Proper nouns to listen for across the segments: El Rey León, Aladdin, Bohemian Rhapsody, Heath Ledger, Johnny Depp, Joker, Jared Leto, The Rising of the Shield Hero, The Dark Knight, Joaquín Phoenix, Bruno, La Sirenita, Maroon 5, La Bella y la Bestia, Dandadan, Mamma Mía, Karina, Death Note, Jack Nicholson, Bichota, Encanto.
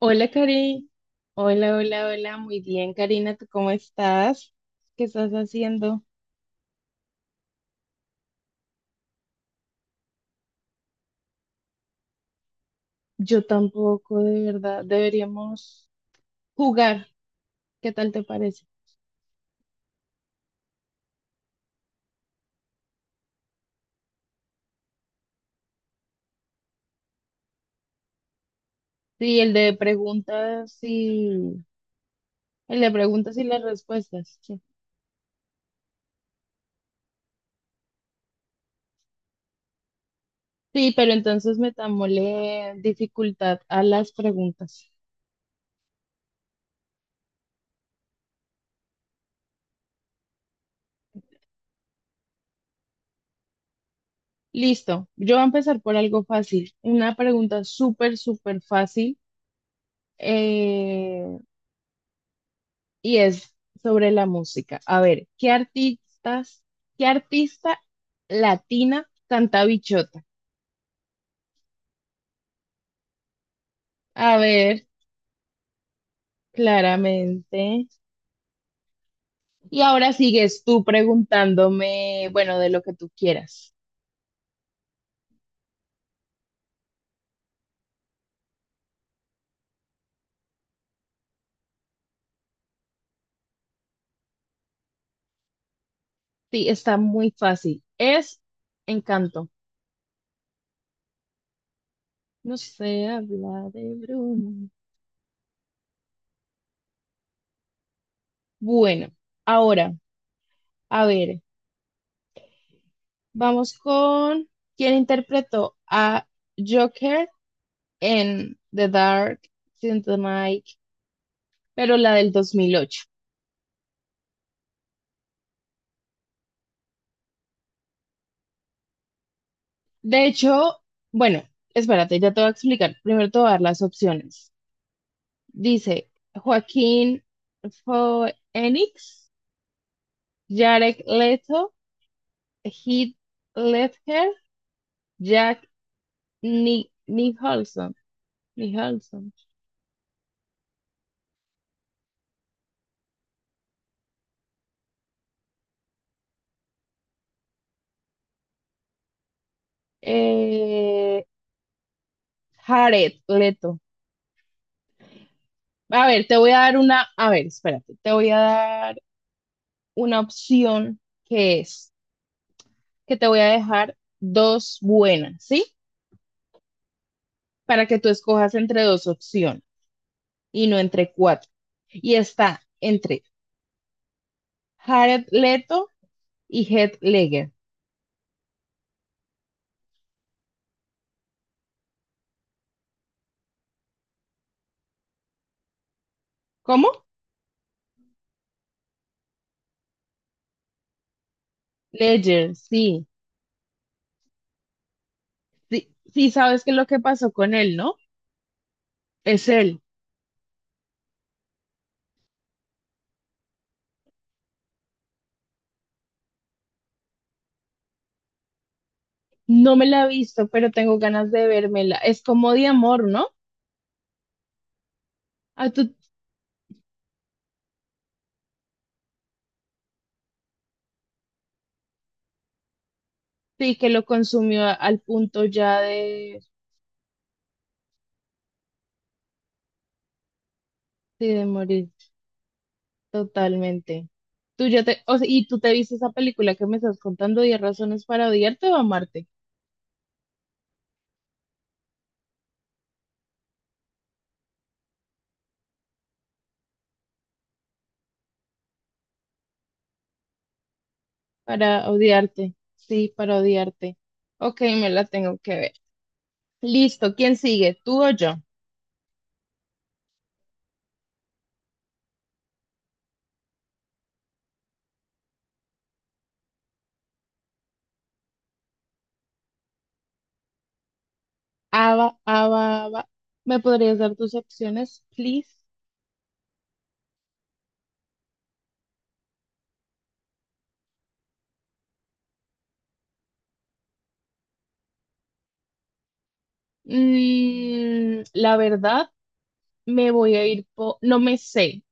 Hola, Karina. Hola, hola, hola. Muy bien, Karina. ¿Tú cómo estás? ¿Qué estás haciendo? Yo tampoco, de verdad. Deberíamos jugar. ¿Qué tal te parece? Sí, el de preguntas y las respuestas. Sí, sí, pero entonces metámosle dificultad a las preguntas. Listo. Yo voy a empezar por algo fácil. Una pregunta súper, súper fácil. Eh, y es sobre la música. A ver, ¿Qué artista latina canta Bichota? A ver, claramente. Y ahora sigues tú preguntándome, bueno, de lo que tú quieras. Sí, está muy fácil. Es Encanto. No se habla de Bruno. Bueno, ahora, a ver, vamos con quién interpretó a Joker en The Dark Knight pero la del 2008. De hecho, bueno, espérate, ya te voy a explicar. Primero te voy a dar las opciones. Dice Joaquín Phoenix, Jared Leto, Heath Ledger, Jack Ni Nicholson, Nicholson, eh, Jared Leto. A ver, te voy a dar una, a ver, espérate, te voy a dar una opción que es, que te voy a dejar dos buenas, ¿sí? para que tú escojas entre dos opciones y no entre cuatro. Y está entre Jared Leto y Heath Ledger. ¿Cómo? Ledger, sí. Sí, sí sabes qué es lo que pasó con él, ¿no? Es él. No me la he visto, pero tengo ganas de vérmela. Es como de amor, ¿no? A tu, sí, que lo consumió al punto ya de, sí, de morir totalmente. O sea, y tú te viste esa película que me estás contando, 10 razones para odiarte o amarte. Para odiarte. Sí, para odiarte. Ok, me la tengo que ver. Listo, ¿quién sigue? ¿Tú o yo? Ava, Ava, Ava. ¿Me podrías dar tus opciones, please? La verdad, me voy a ir por. No me sé.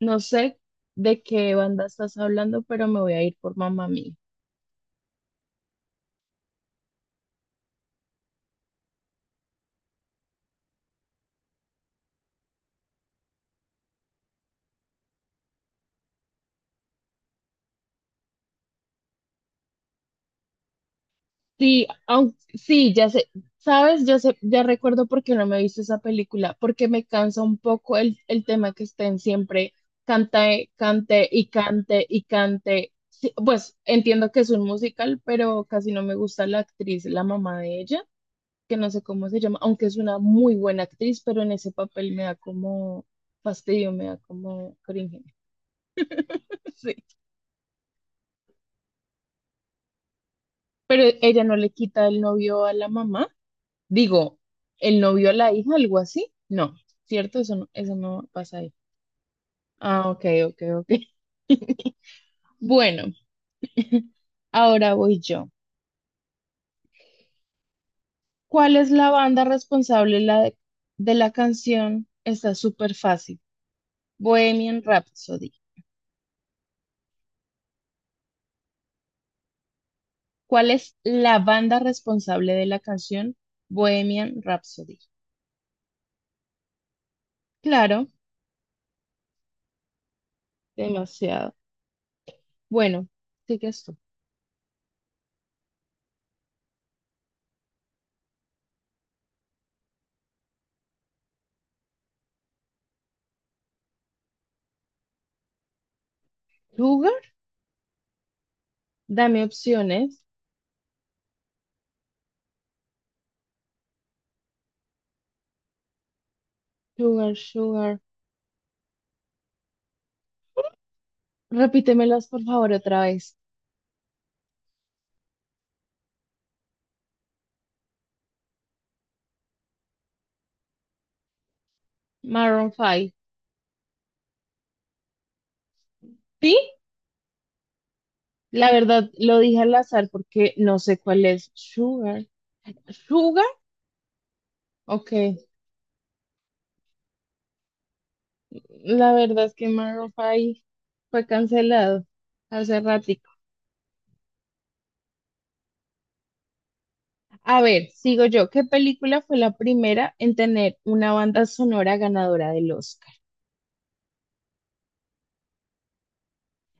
No sé de qué banda estás hablando, pero me voy a ir por Mamma Mía. Sí, sí, ya sé, sabes, yo sé, ya recuerdo por qué no me he visto esa película, porque me cansa un poco el tema que estén siempre cante, cante y cante y cante. Sí, pues entiendo que es un musical, pero casi no me gusta la actriz, la mamá de ella, que no sé cómo se llama, aunque es una muy buena actriz, pero en ese papel me da como fastidio, me da como cringe. Sí. Pero ella no le quita el novio a la mamá. Digo, ¿el novio a la hija, algo así? No, ¿cierto? Eso no pasa ahí. Ah, ok, ok, ok. Bueno, ahora voy yo. ¿Cuál es la banda responsable de la canción? Está súper fácil. Bohemian Rhapsody. ¿Cuál es la banda responsable de la canción Bohemian Rhapsody? Claro, demasiado. Bueno, sigues tú. Sugar, dame opciones. Sugar, sugar. Repítemelas, por favor, otra vez. Maroon 5. Sí, la verdad lo dije al azar porque no sé cuál es. Sugar. Sugar. Ok. La verdad es que Maroon 5 fue cancelado hace ratico. A ver, sigo yo. ¿Qué película fue la primera en tener una banda sonora ganadora del Oscar?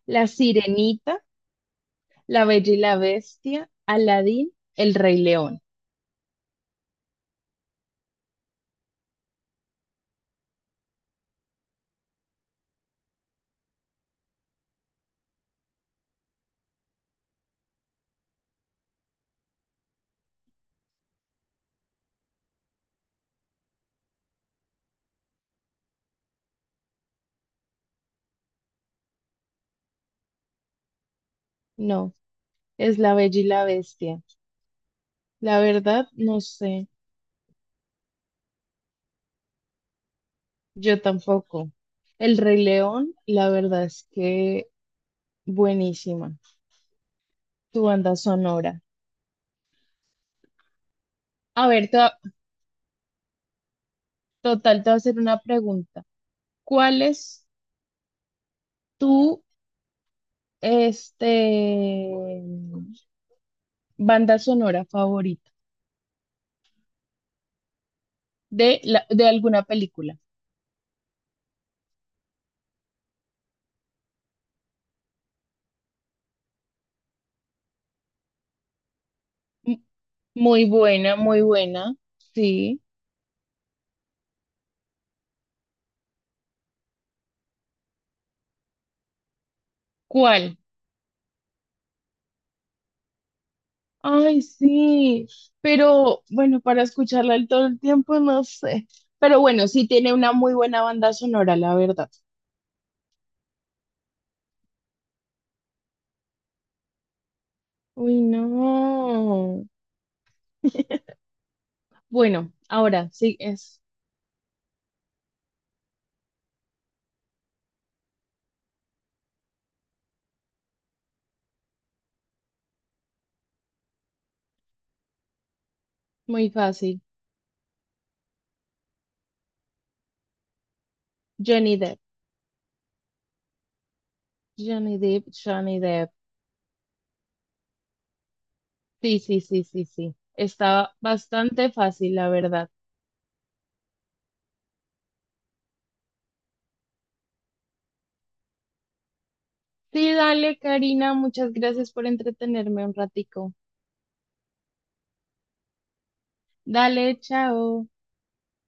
La Sirenita, La Bella y la Bestia, Aladdin, El Rey León. No, es La Bella y la Bestia. La verdad, no sé. Yo tampoco. El Rey León, la verdad es que buenísima. Tu banda sonora. A ver, total, te voy a hacer una pregunta. ¿Cuál es tu este, banda sonora favorita de alguna película? M- Muy buena, muy buena. Sí. ¿Cuál? Ay, sí. Pero bueno, para escucharla el todo el tiempo, no sé. Pero bueno, sí tiene una muy buena banda sonora, la verdad. Uy, no. Bueno, ahora sí es muy fácil. Johnny Depp, Johnny Depp, Johnny Depp. Sí, sí, sí, sí, sí. Está bastante fácil, la verdad. Sí, dale, Karina, muchas gracias por entretenerme un ratico. Dale, chao.